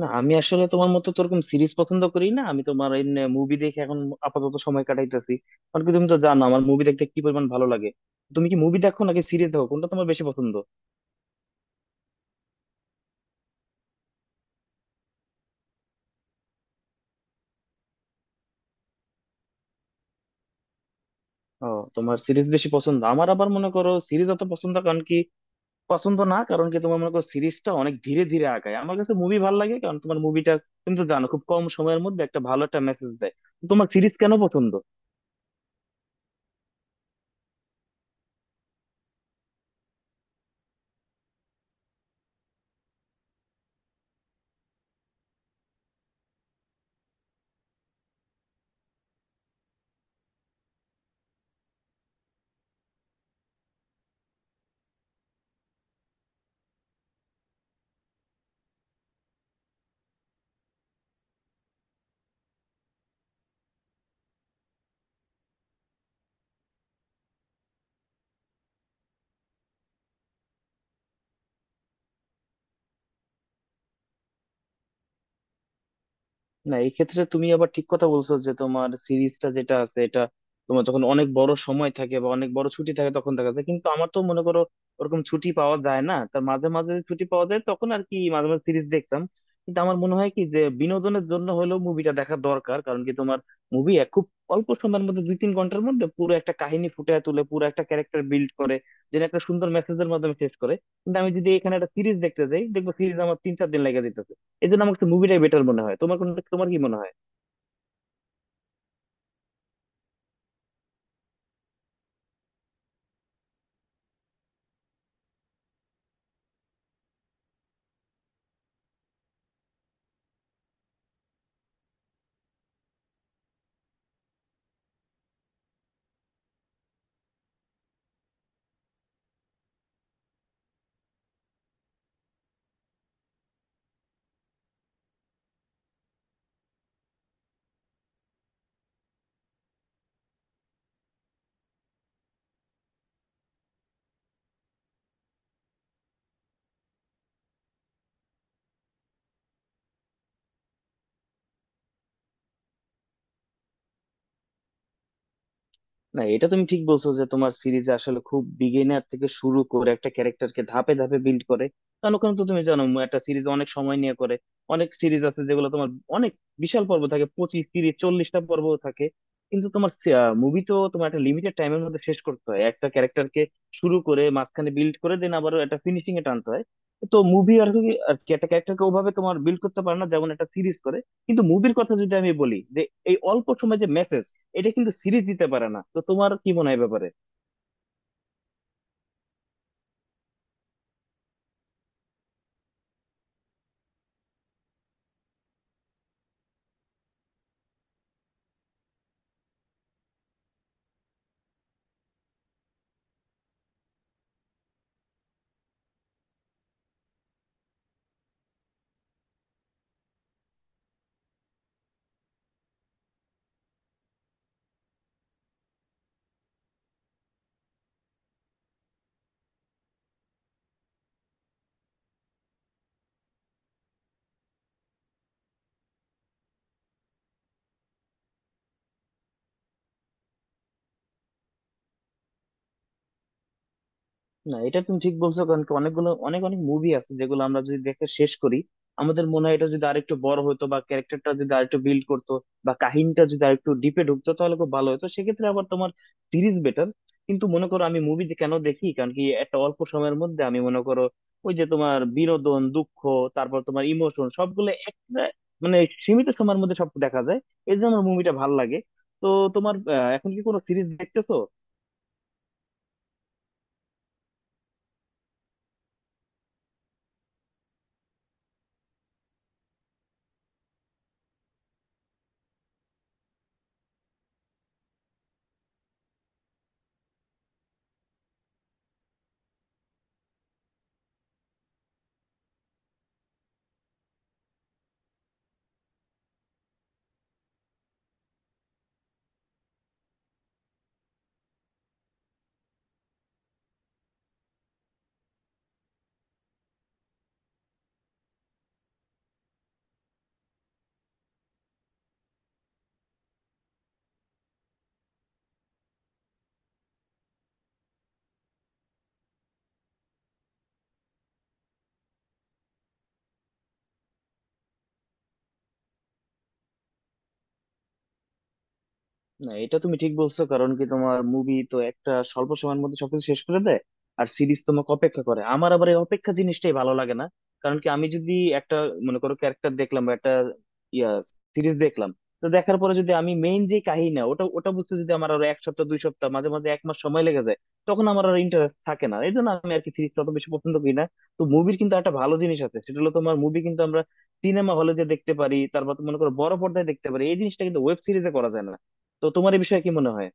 না, আমি আসলে তোমার মতো তো ওরকম সিরিজ পছন্দ করি না। আমি তোমার এমনি মুভি দেখে এখন আপাতত সময় কাটাইতেছি। কারণ কি, তুমি তো জানো আমার মুভি দেখতে কি পরিমাণ ভালো লাগে। তুমি কি মুভি দেখো নাকি সিরিজ দেখো? কোনটা তোমার বেশি পছন্দ? ও, তোমার সিরিজ বেশি পছন্দ। আমার আবার মনে করো সিরিজ অত পছন্দ, কারণ কি পছন্দ না, কারণ কি তোমার মনে করো সিরিজটা অনেক ধীরে ধীরে আগায়। আমার কাছে মুভি ভালো লাগে কারণ তোমার মুভিটা, তুমি তো জানো, খুব কম সময়ের মধ্যে একটা ভালো একটা মেসেজ দেয়। তো তোমার সিরিজ কেন পছন্দ? না, এই ক্ষেত্রে তুমি আবার ঠিক কথা বলছো যে তোমার সিরিজটা যেটা আছে এটা, তোমার যখন অনেক বড় সময় থাকে বা অনেক বড় ছুটি থাকে তখন দেখা যায়। কিন্তু আমার তো মনে করো ওরকম ছুটি পাওয়া যায় না, তার মাঝে মাঝে ছুটি পাওয়া যায় তখন আর কি মাঝে মাঝে সিরিজ দেখতাম। কিন্তু আমার মনে হয় কি যে বিনোদনের জন্য হলেও মুভিটা দেখা দরকার। কারণ কি তোমার মুভি খুব অল্প সময়ের মধ্যে দুই তিন ঘন্টার মধ্যে পুরো একটা কাহিনী ফুটিয়ে তুলে পুরো একটা ক্যারেক্টার বিল্ড করে, যেটা একটা সুন্দর মেসেজের মাধ্যমে শেষ করে। কিন্তু আমি যদি এখানে একটা সিরিজ দেখতে যাই, দেখবো সিরিজ আমার তিন চার দিন লেগে যেত। এই জন্য আমার কাছে মুভিটাই বেটার মনে হয়। তোমার কোন, তোমার কি মনে হয়? না, এটা তুমি ঠিক বলছো যে তোমার সিরিজ আসলে খুব বিগিনার থেকে শুরু করে একটা ক্যারেক্টারকে ধাপে ধাপে বিল্ড করে। কারণ ওখানে তো তুমি জানো একটা সিরিজ অনেক সময় নিয়ে করে। অনেক সিরিজ আছে যেগুলো তোমার অনেক বিশাল পর্ব থাকে, 25 30 40টা পর্ব থাকে। কিন্তু তোমার মুভি তো তোমার একটা লিমিটেড টাইমের মধ্যে শেষ করতে হয়, একটা ক্যারেক্টারকে শুরু করে মাঝখানে বিল্ড করে দেন আবার একটা ফিনিশিং এ টানতে হয়। তো মুভি আর কি আর কি একটা ক্যারেক্টারকে ওভাবে তোমার বিল্ড করতে পারে না যেমন একটা সিরিজ করে। কিন্তু মুভির কথা যদি আমি বলি যে এই অল্প সময় যে মেসেজ, এটা কিন্তু সিরিজ দিতে পারে না। তো তোমার কি মনে হয় এ ব্যাপারে? না, এটা তুমি ঠিক বলছো কারণ কি অনেকগুলো অনেক অনেক মুভি আছে যেগুলো আমরা যদি দেখে শেষ করি, আমাদের মনে হয় এটা যদি আরেকটু বড় হতো বা ক্যারেক্টারটা যদি আরেকটু বিল্ড করতো বা কাহিনীটা যদি আরেকটু ডিপে ঢুকতো তাহলে খুব ভালো হতো। সেক্ষেত্রে আবার তোমার সিরিজ বেটার। কিন্তু মনে করো আমি মুভি কেন দেখি, কারণ কি একটা অল্প সময়ের মধ্যে আমি মনে করো ওই যে তোমার বিনোদন, দুঃখ, তারপর তোমার ইমোশন সবগুলো একটা, মানে, সীমিত সময়ের মধ্যে সব দেখা যায়। এই জন্য আমার মুভিটা ভালো লাগে। তো তোমার এখন কি কোনো সিরিজ দেখতেছো? না, এটা তুমি ঠিক বলছো কারণ কি তোমার মুভি তো একটা স্বল্প সময়ের মধ্যে সবকিছু শেষ করে দেয়, আর সিরিজ তোমাকে অপেক্ষা করে। আমার আবার এই অপেক্ষা জিনিসটাই ভালো লাগে না। কারণ কি আমি যদি একটা, মনে করো, ক্যারেক্টার দেখলাম বা একটা ইয়া সিরিজ দেখলাম, তো দেখার পরে যদি আমি মেইন যে কাহিনী ওটা ওটা বুঝতে যদি আমার আরো এক সপ্তাহ দুই সপ্তাহ মাঝে মাঝে এক মাস সময় লেগে যায়, তখন আমার আর ইন্টারেস্ট থাকে না। এই জন্য আমি আর কি সিরিজ অত বেশি পছন্দ করি না। তো মুভির কিন্তু একটা ভালো জিনিস আছে, সেটা হলো তোমার মুভি কিন্তু আমরা সিনেমা হলে যে দেখতে পারি, তারপর তো মনে করো বড় পর্দায় দেখতে পারি। এই জিনিসটা কিন্তু ওয়েব সিরিজে করা যায় না। তো তোমার এই বিষয়ে কি মনে হয়?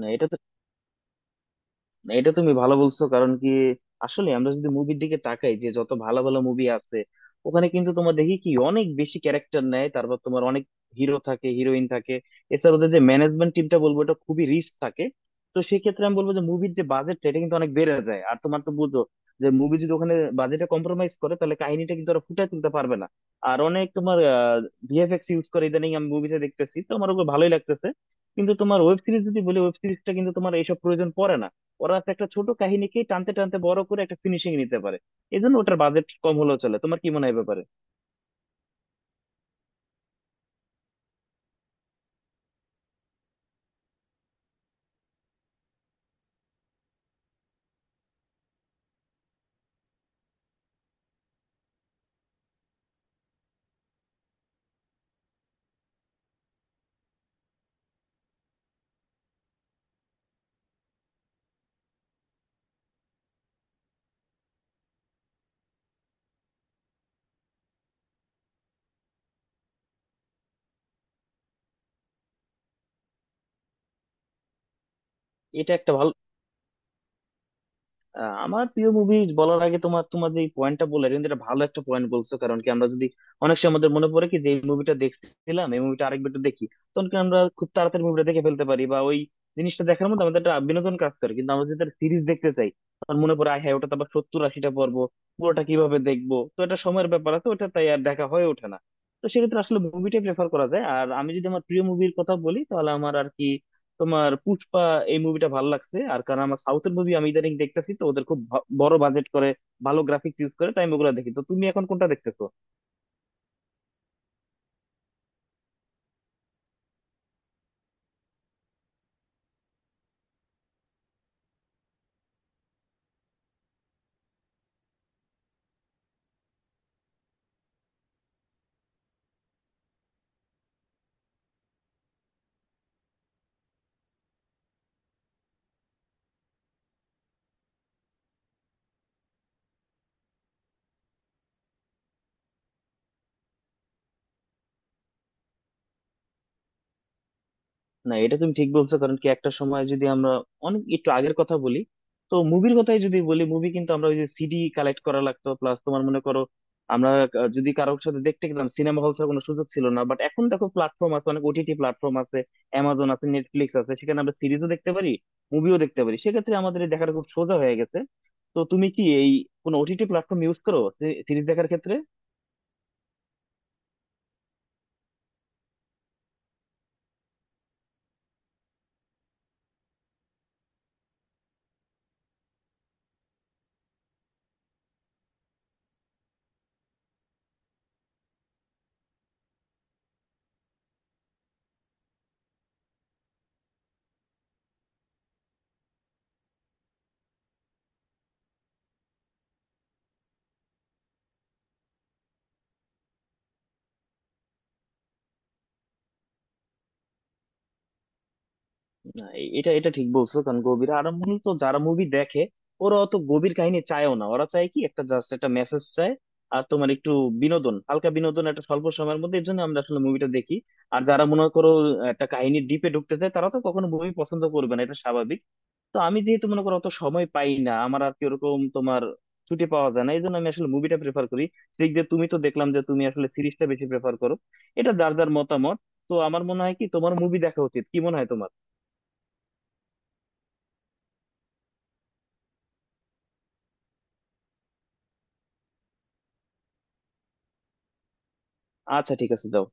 না এটা তো না, এটা তুমি ভালো বলছো কারণ কি আসলে আমরা যদি মুভির দিকে তাকাই যে যত ভালো ভালো মুভি আছে, ওখানে কিন্তু তোমার দেখি কি অনেক বেশি ক্যারেক্টার নেয়, তারপর তোমার অনেক হিরো থাকে হিরোইন থাকে। এছাড়া ওদের যে ম্যানেজমেন্ট টিমটা বলবো এটা খুবই রিস্ক থাকে। তো সেই ক্ষেত্রে আমি বলবো যে মুভির যে বাজেট এটা কিন্তু অনেক বেড়ে যায়। আর তোমার তো বুঝো যে মুভি যদি ওখানে বাজেটে কম্প্রোমাইজ করে, তাহলে কাহিনীটা কিন্তু ওরা ফুটিয়ে তুলতে পারবে না। আর অনেক তোমার ভিএফএক্স ইউজ করে ইদানিং আমি মুভিতে দেখতেছি, তো আমার ওগুলো ভালোই লাগতেছে। কিন্তু তোমার ওয়েব সিরিজ যদি বলি, ওয়েব সিরিজটা কিন্তু তোমার এইসব প্রয়োজন পড়ে না। ওরা তো একটা ছোট কাহিনীকেই টানতে টানতে বড় করে একটা ফিনিশিং নিতে পারে। এই জন্য ওটার বাজেট কম হলেও চলে। তোমার কি মনে হয় এ ব্যাপারে? এটা একটা ভালো। আমার প্রিয় মুভি বলার আগে, তোমার তোমার যে পয়েন্টটা বললে কিন্তু এটা ভালো একটা পয়েন্ট বলছো। কারণ কি আমরা যদি অনেক সময় আমাদের মনে পড়ে কি যে এই মুভিটা দেখছিলাম, এই মুভিটা আরেকবার একটু দেখি, তখন কি আমরা খুব তাড়াতাড়ি মুভিটা দেখে ফেলতে পারি বা ওই জিনিসটা দেখার মধ্যে আমাদের একটা বিনোদন কাজ করে। কিন্তু আমরা যদি সিরিজ দেখতে চাই, তখন মনে পড়ে আয় হ্যাঁ, ওটা তো আবার 70 80টা পর্ব, পুরোটা কিভাবে দেখবো? তো এটা সময়ের ব্যাপার আছে ওটা, তাই আর দেখা হয়ে ওঠে না। তো সেক্ষেত্রে আসলে মুভিটাই প্রেফার করা যায়। আর আমি যদি আমার প্রিয় মুভির কথা বলি তাহলে আমার আর কি তোমার পুষ্পা, এই মুভিটা ভালো লাগছে। আর কারণ আমার সাউথের মুভি আমি ইদানিং দেখতেছি, তো ওদের খুব বড় বাজেট করে ভালো গ্রাফিক্স ইউজ করে তাই আমি ওগুলো দেখি। তো তুমি এখন কোনটা দেখতেছো? না, এটা তুমি ঠিক বলছো কারণ কি একটা সময় যদি আমরা অনেক একটু আগের কথা বলি, তো মুভির কথাই যদি বলি মুভি কিন্তু আমরা ওই যে সিডি কালেক্ট করা লাগতো, প্লাস তোমার মনে করো আমরা যদি কারোর সাথে দেখতে গেলাম সিনেমা হল ছাড়া কোনো সুযোগ ছিল না। বাট এখন দেখো প্ল্যাটফর্ম আছে, অনেক ওটিটি প্ল্যাটফর্ম আছে, অ্যামাজন আছে, নেটফ্লিক্স আছে, সেখানে আমরা সিরিজও দেখতে পারি, মুভিও দেখতে পারি। সেক্ষেত্রে আমাদের এই দেখাটা খুব সোজা হয়ে গেছে। তো তুমি কি এই কোনো ওটিটি প্ল্যাটফর্ম ইউজ করো সিরিজ দেখার ক্ষেত্রে? না, এ- এটা এটা ঠিক বলছো কারণ গভীর, আর মূলত যারা মুভি দেখে ওরা অত গভীর কাহিনী চায়ও না, ওরা চায় কি একটা জাস্ট একটা মেসেজ চায়, আর তোমার একটু বিনোদন, হালকা বিনোদন একটা স্বল্প সময়ের মধ্যে। এর জন্য আমরা আসলে মুভিটা দেখি। আর যারা মনে করো একটা কাহিনী ডিপে ঢুকতে চায় তারা তো কখনো মুভি পছন্দ করবে না, এটা স্বাভাবিক। তো আমি যেহেতু মনে করো অত সময় পাই না, আমার আর কি ওরকম তোমার ছুটি পাওয়া যায় না, এই জন্য আমি আসলে মুভিটা প্রেফার করি। ঠিক যে তুমি তো দেখলাম যে তুমি আসলে সিরিজটা বেশি প্রেফার করো, এটা যার যার মতামত। তো আমার মনে হয় কি তোমার মুভি দেখা উচিত। কি মনে হয় তোমার? আচ্ছা, ঠিক আছে, যাও।